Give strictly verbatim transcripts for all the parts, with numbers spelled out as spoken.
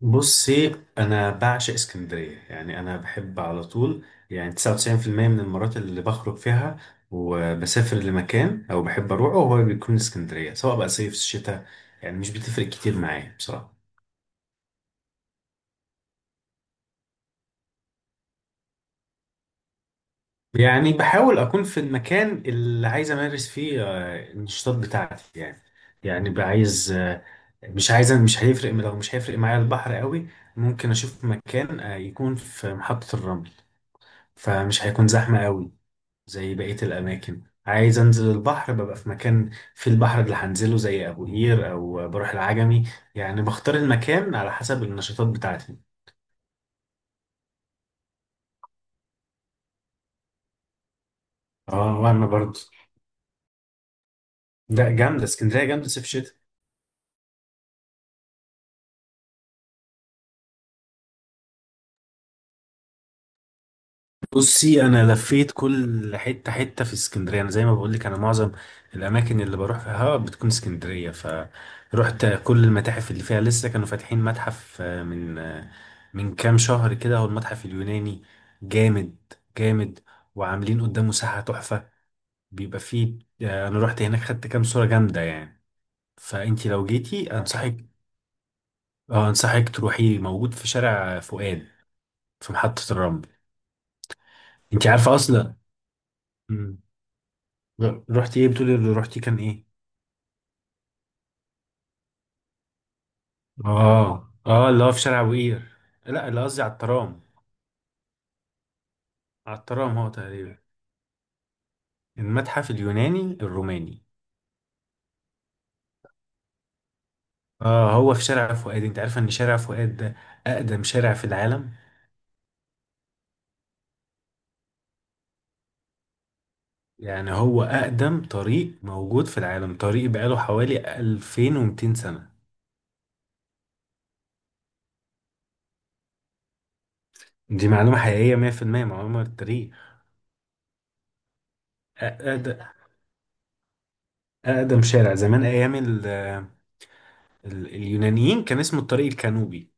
بصي، انا بعشق اسكندريه. يعني انا بحب على طول. يعني تسعة وتسعين بالمية من المرات اللي بخرج فيها وبسافر لمكان او بحب اروحه هو بيكون اسكندريه، سواء بقى صيف شتاء. يعني مش بتفرق كتير معايا بصراحه. يعني بحاول اكون في المكان اللي عايز امارس فيه آه، النشاطات بتاعتي يعني. يعني بقى عايز، آه، مش عايز، مش هيفرق. لو مش هيفرق معايا البحر قوي ممكن اشوف مكان آه، يكون في محطه الرمل، فمش هيكون زحمه قوي زي بقية الأماكن. عايز أنزل البحر، ببقى في مكان في البحر اللي هنزله زي أبو قير أو بروح العجمي. يعني بختار المكان على حسب النشاطات بتاعتي. اه، وأنا برضه. ده جامدة اسكندرية، جامدة صيف شتا. بصي، انا لفيت كل حته حته في اسكندريه. انا زي ما بقول لك، انا معظم الاماكن اللي بروح فيها بتكون اسكندريه. فروحت كل المتاحف اللي فيها. لسه كانوا فاتحين متحف آه، من آه، من كام شهر كده، هو المتحف اليوناني. جامد جامد. وعاملين قدامه ساحه تحفه. بيبقى فيه آه، انا رحت هناك، خدت كام صوره جامده يعني. فانتي لو جيتي انصحك، اه انصحك تروحي. موجود في شارع فؤاد، في محطه الرمل. انتي عارفه اصلا. ر- رحتي ايه؟ بتقولي اللي رحتي كان ايه. اه اه، اللي هو في شارع بوقير. لا، اللي قصدي على الترام. على الترام. هو تقريبا المتحف اليوناني الروماني. اه هو في شارع فؤاد. انت عارفه ان شارع فؤاد ده اقدم شارع في العالم؟ يعني هو اقدم طريق موجود في العالم. طريق بقاله حوالي ألفين ومتين سنة. دي معلومة حقيقية مية بالمية، معلومة للتاريخ. أقدم, أقدم شارع، زمان أيام ال ال اليونانيين، كان اسمه الطريق الكانوبي،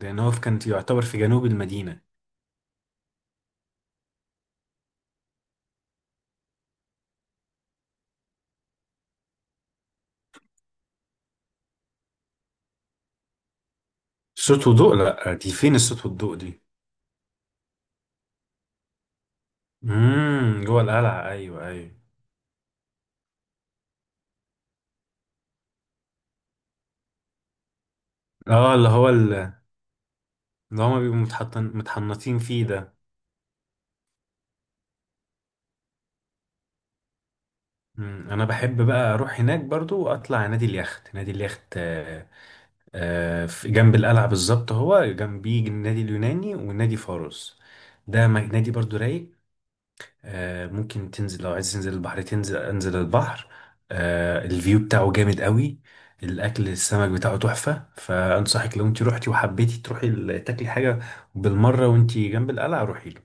لأن هو كان يعتبر في جنوب المدينة. صوت وضوء؟ لا، دي فين الصوت والضوء دي؟ امم جوه القلعة، ايوه ايوه. اه، اللي هو ال- اللي هما بيبقوا متحطن متحنطين فيه ده. مم. انا بحب بقى اروح هناك برضو، واطلع نادي اليخت، نادي اليخت. آه آه في جنب القلعة بالظبط. هو جنبيه النادي اليوناني ونادي فاروس. ده م- نادي برضو رايق. آه، ممكن تنزل لو عايز تنزل البحر. تنزل انزل البحر. آه، الفيو بتاعه جامد قوي. الاكل السمك بتاعه تحفه. فانصحك لو انت روحتي وحبيتي تروحي ال- تاكلي حاجه بالمره وانت جنب القلعه، روحي له.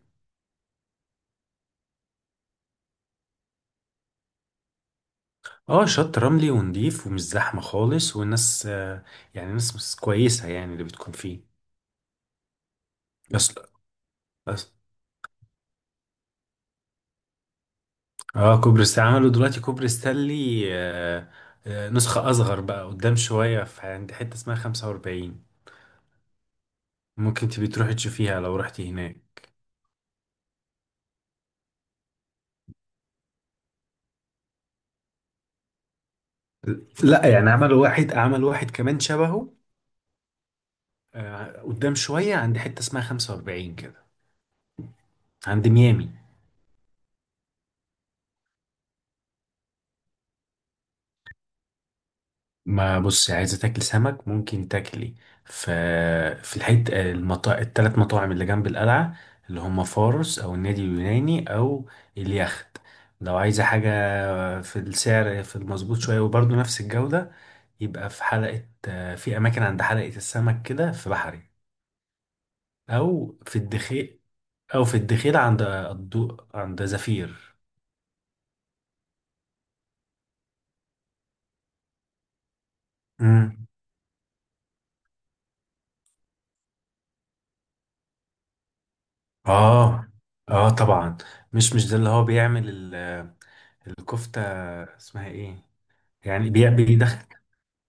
اه شط رملي ونضيف ومش زحمه خالص، والناس آه، يعني ناس ناس كويسه يعني اللي بتكون فيه. بس بس اه، كوبري ستانلي عملوا دلوقتي كوبري ستانلي آه، آه، نسخه اصغر بقى قدام شويه، في عند حته اسمها خمسة وأربعين. ممكن تبي تروحي تشوفيها لو رحتي هناك. لا يعني عمل واحد، عمل واحد كمان شبهه آه، قدام شوية عند حتة اسمها خمسة وأربعين كده، عند ميامي. ما بص، عايزة تاكل سمك ممكن تاكلي في، في الحتة المطا... التلات مطاعم اللي جنب القلعة، اللي هم فارس أو النادي اليوناني أو اليخت. لو عايزة حاجة في السعر في المظبوط شوية وبرضه نفس الجودة، يبقى في حلقة آه، في أماكن عند حلقة السمك كده في بحري، أو في الدخيق، او في الدخيل عند الضوء عند زفير. امم، اه اه طبعا. مش مش ده اللي هو بيعمل ال- الكفتة، اسمها ايه؟ يعني بي- بيدخل.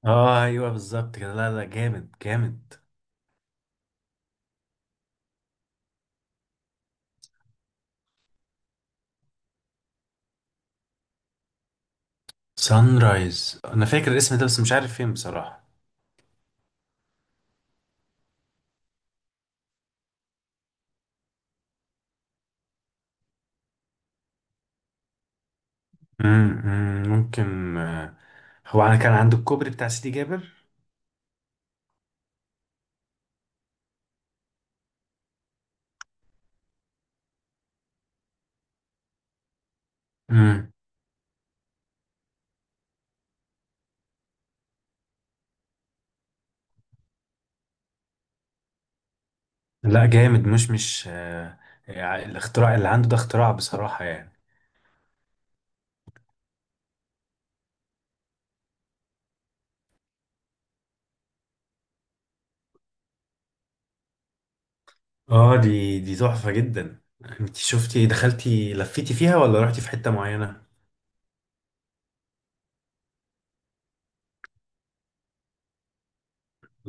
اه ايوه بالظبط كده. لا لا، جامد جامد. سان رايز، انا فاكر الاسم ده بس مش عارف فين بصراحة. امم أمم، ممكن آه، هو انا كان عند الكوبري بتاع سيدي جابر. امم. لا، جامد. مش مش آه، يعني الاختراع اللي عنده ده اختراع بصراحة يعني. اه دي دي تحفة جدا. انت شفتي دخلتي لفيتي فيها، ولا رحتي في حتة معينة؟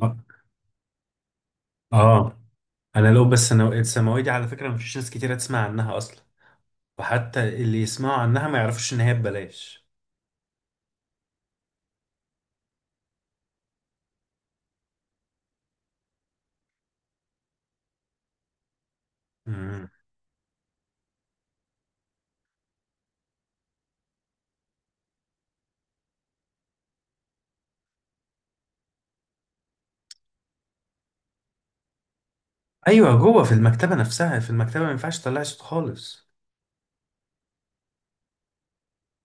اه. آه. انا لو بس، انا الثانوية دي على فكرة مفيش ناس كتيرة تسمع عنها اصلا، وحتى اللي يسمعوا عنها ما يعرفوش ان هي ببلاش. مم. ايوه جوه في المكتبة نفسها. في المكتبة ما ينفعش تطلعي صوت خالص.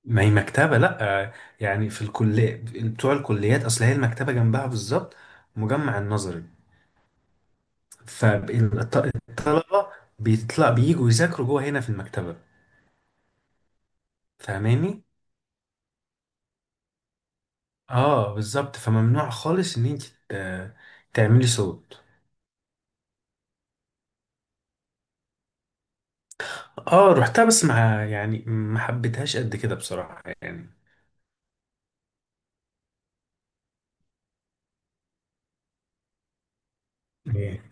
ما هي مكتبة، لا آه، يعني في الكلية، بتوع الكليات، اصل هي المكتبة جنبها بالظبط مجمع النظري. فالطلبة بيطلع بييجوا يذاكروا جوه هنا في المكتبة. فاهماني؟ اه بالظبط. فممنوع خالص ان انت ت- تعملي صوت. اه رحتها، بس مع يعني ما حبيتهاش قد كده بصراحة يعني. ايه؟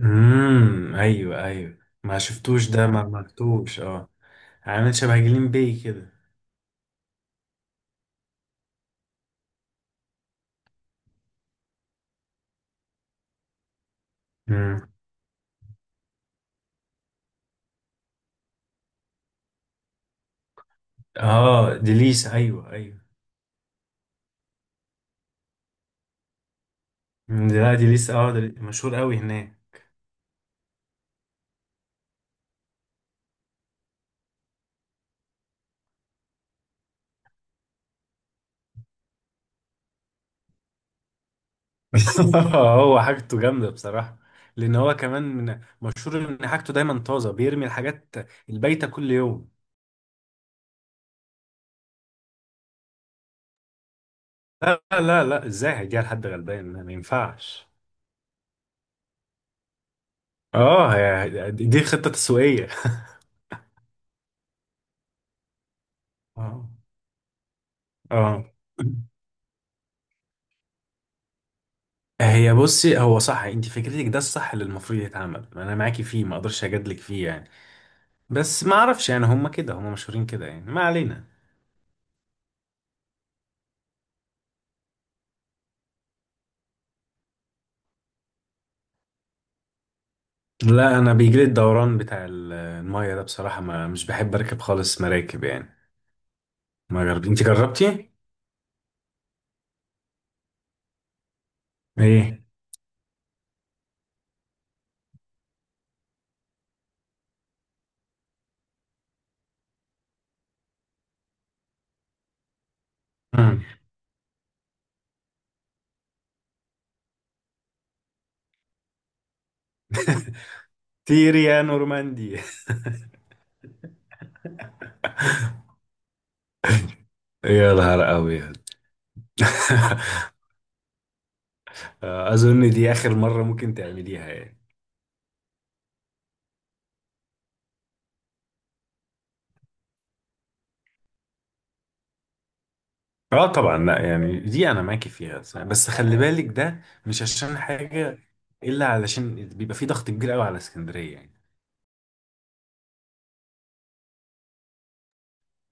امم، ايوه ايوه. ما شفتوش ده، ما عملتوش؟ اه، عامل شبه جليم بي كده. امم. اه ديليس، ايوه ايوه. مم، دي- لا ديليس، اه ده مشهور قوي هناك. هو حاجته جامده بصراحه. لان هو كمان من مشهور ان حاجته دايما طازه، بيرمي الحاجات البايته كل يوم. لا لا لا، ازاي هيديها لحد غلبان؟ ما ينفعش. اه هي دي دي خطة تسويقية. اه. اه هي، بصي هو صح، انت فكرتك ده الصح اللي المفروض يتعمل. انا معاكي فيه ما اقدرش اجادلك فيه يعني. بس ما اعرفش يعني، هم كده هم مشهورين كده يعني، ما علينا. لا انا بيجيلي الدوران بتاع ال- الميه ده بصراحة، ما مش بحب اركب خالص مراكب يعني. ما جربت، انت جربتي؟ ايه؟ مم. تيري يا نورماندي. يا نهار ابيض. آه، اظن دي اخر مرة ممكن تعمليها يعني. اه طبعا. لا يعني دي انا معاكي فيها صح. بس خلي بالك ده مش عشان حاجة، الا علشان بيبقى في ضغط كبير قوي على اسكندرية يعني.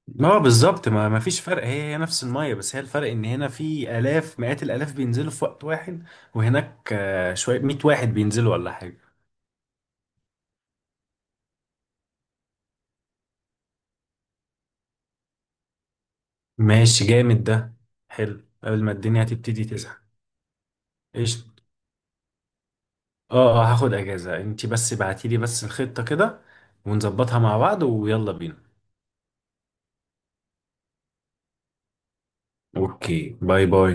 ما هو بالظبط. ما ما فيش فرق. هي هي نفس المية. بس هي الفرق ان هنا في الاف مئات الالاف بينزلوا في وقت واحد، وهناك آه، شوية مية واحد بينزلوا ولا حاجة. ماشي، جامد ده. حلو قبل ما الدنيا تبتدي تزحم. ايش؟ اه اه، هاخد اجازة، انتي بس بعتيلي بس الخطة كده ونظبطها مع بعض ويلا بينا. اوكي، باي باي.